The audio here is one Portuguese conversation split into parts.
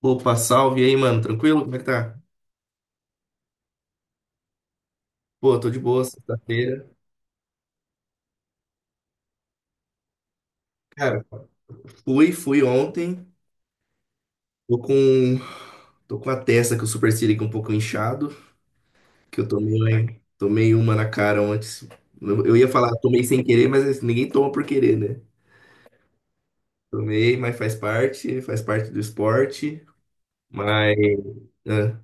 Opa, salve e aí, mano. Tranquilo? Como é que tá? Pô, tô de boa, sexta-feira. Cara, fui ontem. Tô com. Tô com a testa que o supercílio aqui um pouco inchado. Que eu tomei, né? Tomei uma na cara antes. Eu ia falar, tomei sem querer, mas assim, ninguém toma por querer, né? Tomei, mas faz parte do esporte. Mas. É.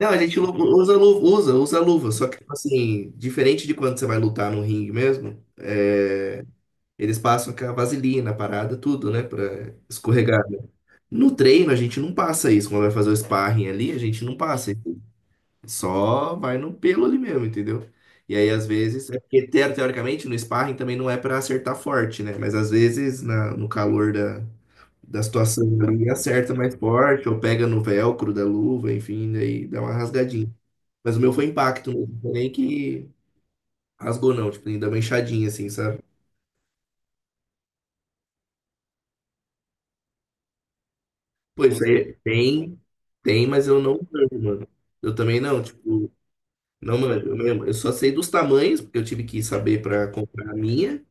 Não, usa luva, usa, usa luva. Só que, tipo assim, diferente de quando você vai lutar no ringue mesmo. É, eles passam com a vaselina, a parada, tudo, né? Pra escorregar, né? No treino, a gente não passa isso. Quando vai fazer o sparring ali, a gente não passa isso. Só vai no pelo ali mesmo, entendeu? E aí, às vezes, é porque teoricamente no sparring também não é pra acertar forte, né? Mas às vezes, no calor da, da situação ali, acerta mais forte, ou pega no velcro da luva, enfim, daí dá uma rasgadinha. Mas o meu foi impacto mesmo, não foi nem que rasgou, não, tipo, nem dá uma inchadinha assim, sabe? Pois é, tem, tem, mas eu não manjo, mano. Eu também não, tipo, não manjo mesmo. Eu só sei dos tamanhos, porque eu tive que saber para comprar a minha,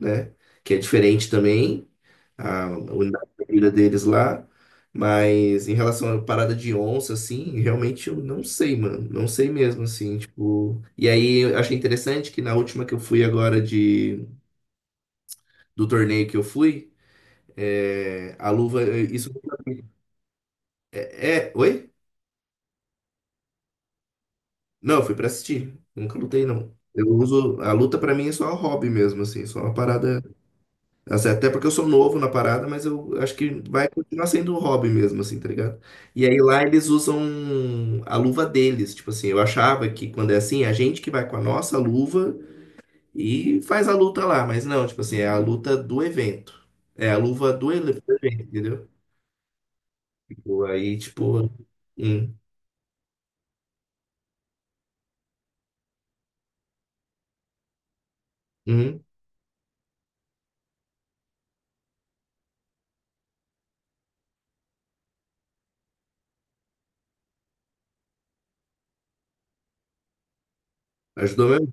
né? Que é diferente também, a unidade de medida deles lá. Mas em relação à parada de onça, assim, realmente eu não sei, mano. Não sei mesmo, assim, tipo. E aí eu achei interessante que na última que eu fui agora de, do torneio que eu fui, é, a luva. Isso. É, é, oi? Não, eu fui pra assistir. Nunca lutei, não. Eu uso. A luta pra mim é só um hobby mesmo, assim. Só uma parada. Assim, até porque eu sou novo na parada, mas eu acho que vai continuar sendo um hobby mesmo, assim, tá ligado? E aí lá eles usam a luva deles. Tipo assim, eu achava que quando é assim, é a gente que vai com a nossa luva e faz a luta lá. Mas não, tipo assim, é a luta do evento. É a luva do evento, entendeu? Tipo, aí, tipo. Hum, hum, ajudou mesmo?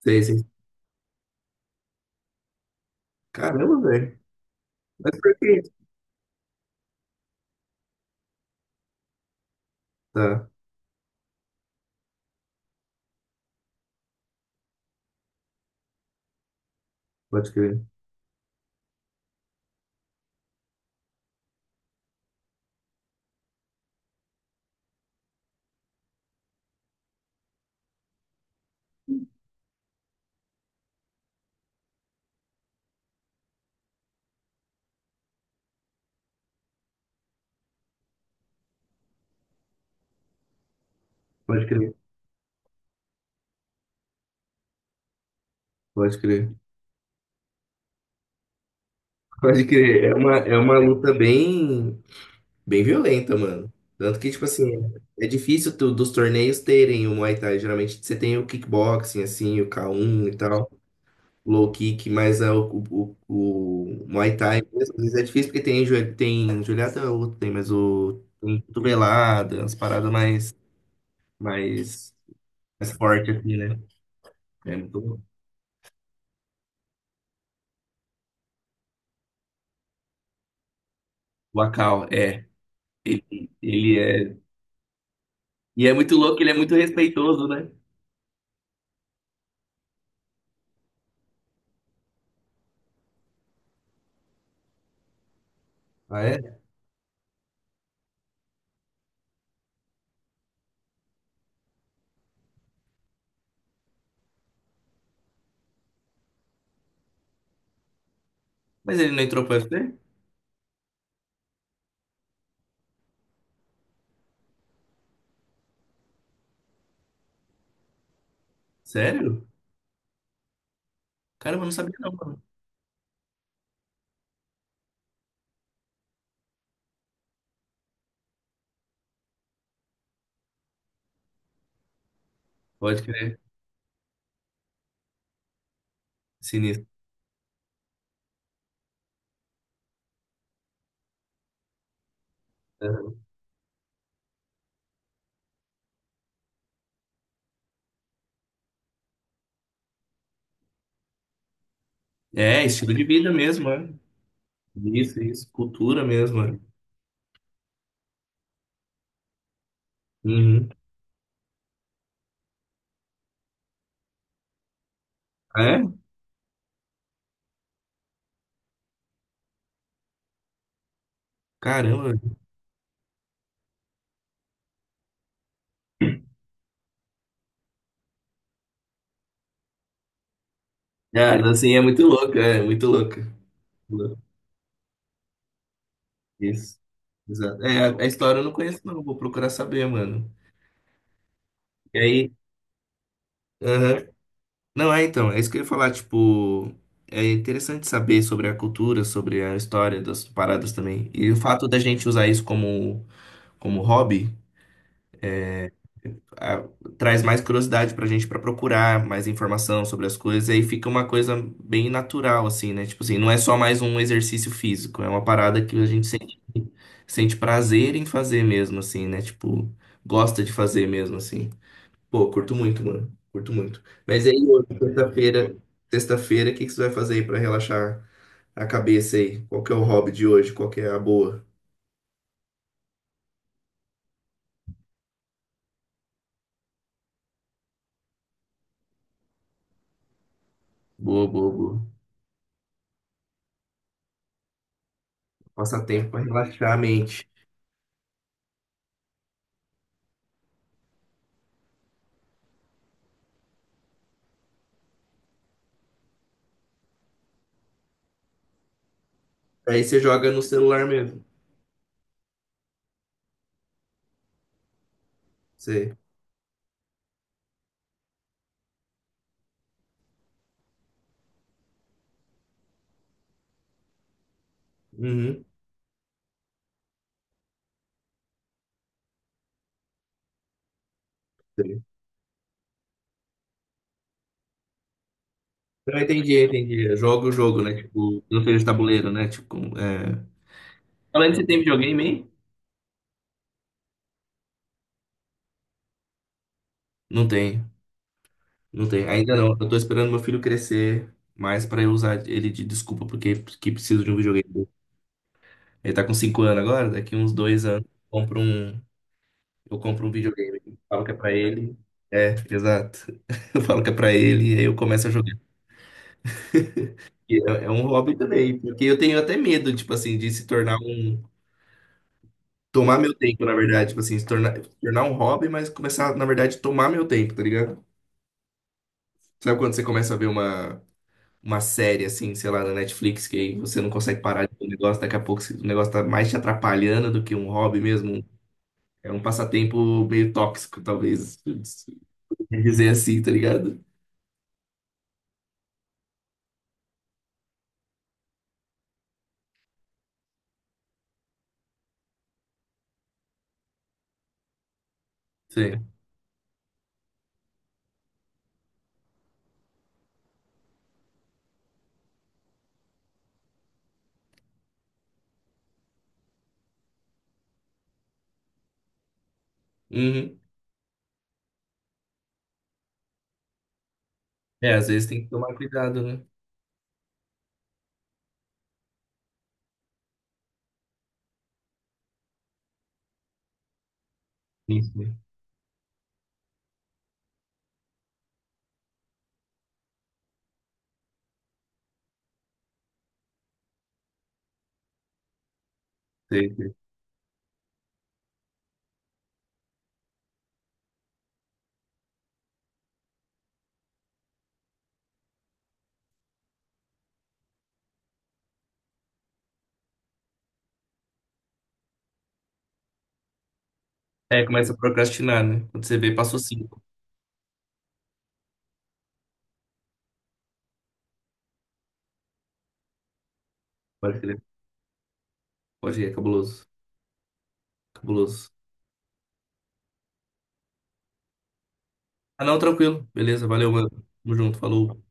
Sei, sei. Caramba, velho. Mas por quê? Tá. Pode crer, pode crer, pode crer, pode crer. É uma luta bem, bem violenta, mano. Tanto que, tipo assim, é difícil dos torneios terem o Muay Thai. Geralmente você tem o kickboxing, assim, o K1 e tal, low kick, mas é o Muay Thai mesmo, às vezes é difícil porque tem, tem Julieta é outro, tem, mas o tem cotovelada, as paradas mais, mais, mais fortes, assim, né? É muito. O Akal, é. Ele é. E é muito louco, ele é muito respeitoso, né? Ah, é? Mas ele não entrou pro UFC? Sério? Caramba, eu não sabia não, mano. Pode crer. Sinistro. É, é, estilo de vida mesmo, é. Isso, isso. Cultura mesmo, é. Uhum. É? Caramba. Cara, assim, é muito louco, é muito louco. Louco. Isso. Exato. É, a história eu não conheço, não. Vou procurar saber, mano. E aí? Aham. Não, é então, é isso que eu ia falar, tipo, é interessante saber sobre a cultura, sobre a história das paradas também. E o fato da gente usar isso como, como hobby, ah, traz mais curiosidade pra gente pra procurar mais informação sobre as coisas, e aí fica uma coisa bem natural, assim, né? Tipo assim, não é só mais um exercício físico, é uma parada que a gente sente, sente prazer em fazer mesmo, assim, né? Tipo, gosta de fazer mesmo, assim. Pô, curto muito, mano. Curto muito. Mas aí, hoje, sexta-feira, sexta-feira, o que que você vai fazer aí pra relaxar a cabeça aí? Qual que é o hobby de hoje? Qual que é a boa? Boa, boa, boa. Passatempo pra relaxar a mente. Aí você joga no celular mesmo. Você. Uhum. Sei. Eu entendi, entendi. Joga o jogo, né? Tipo, não seja tabuleiro, né? Tipo, é... Falando, você tem videogame aí? Não tem, não tem. Ainda não. Eu tô esperando meu filho crescer mais pra eu usar ele de desculpa, porque que preciso de um videogame. Ele tá com 5 anos agora, daqui uns 2 anos eu compro um videogame. Eu falo que é pra ele. É, exato. Eu falo que é pra ele e aí eu começo a jogar. É, é um hobby também, porque eu tenho até medo, tipo assim, de se tornar um. Tomar meu tempo, na verdade. Tipo assim, se tornar, se tornar um hobby, mas começar, na verdade, tomar meu tempo, tá ligado? Sabe quando você começa a ver uma série, assim, sei lá, na Netflix, que aí você não consegue parar de ver o negócio, daqui a pouco o negócio tá mais te atrapalhando do que um hobby mesmo, um. É um passatempo meio tóxico, talvez, dizer assim, tá ligado? Sei. Uhum. É, às vezes tem que tomar cuidado, né? Sim, sim. Sei, sei. É, começa a procrastinar, né? Quando você vê, passou cinco. Pode crer. Pode ir, é cabuloso. Cabuloso. Ah, não, tranquilo. Beleza, valeu, mano. Tamo junto, falou.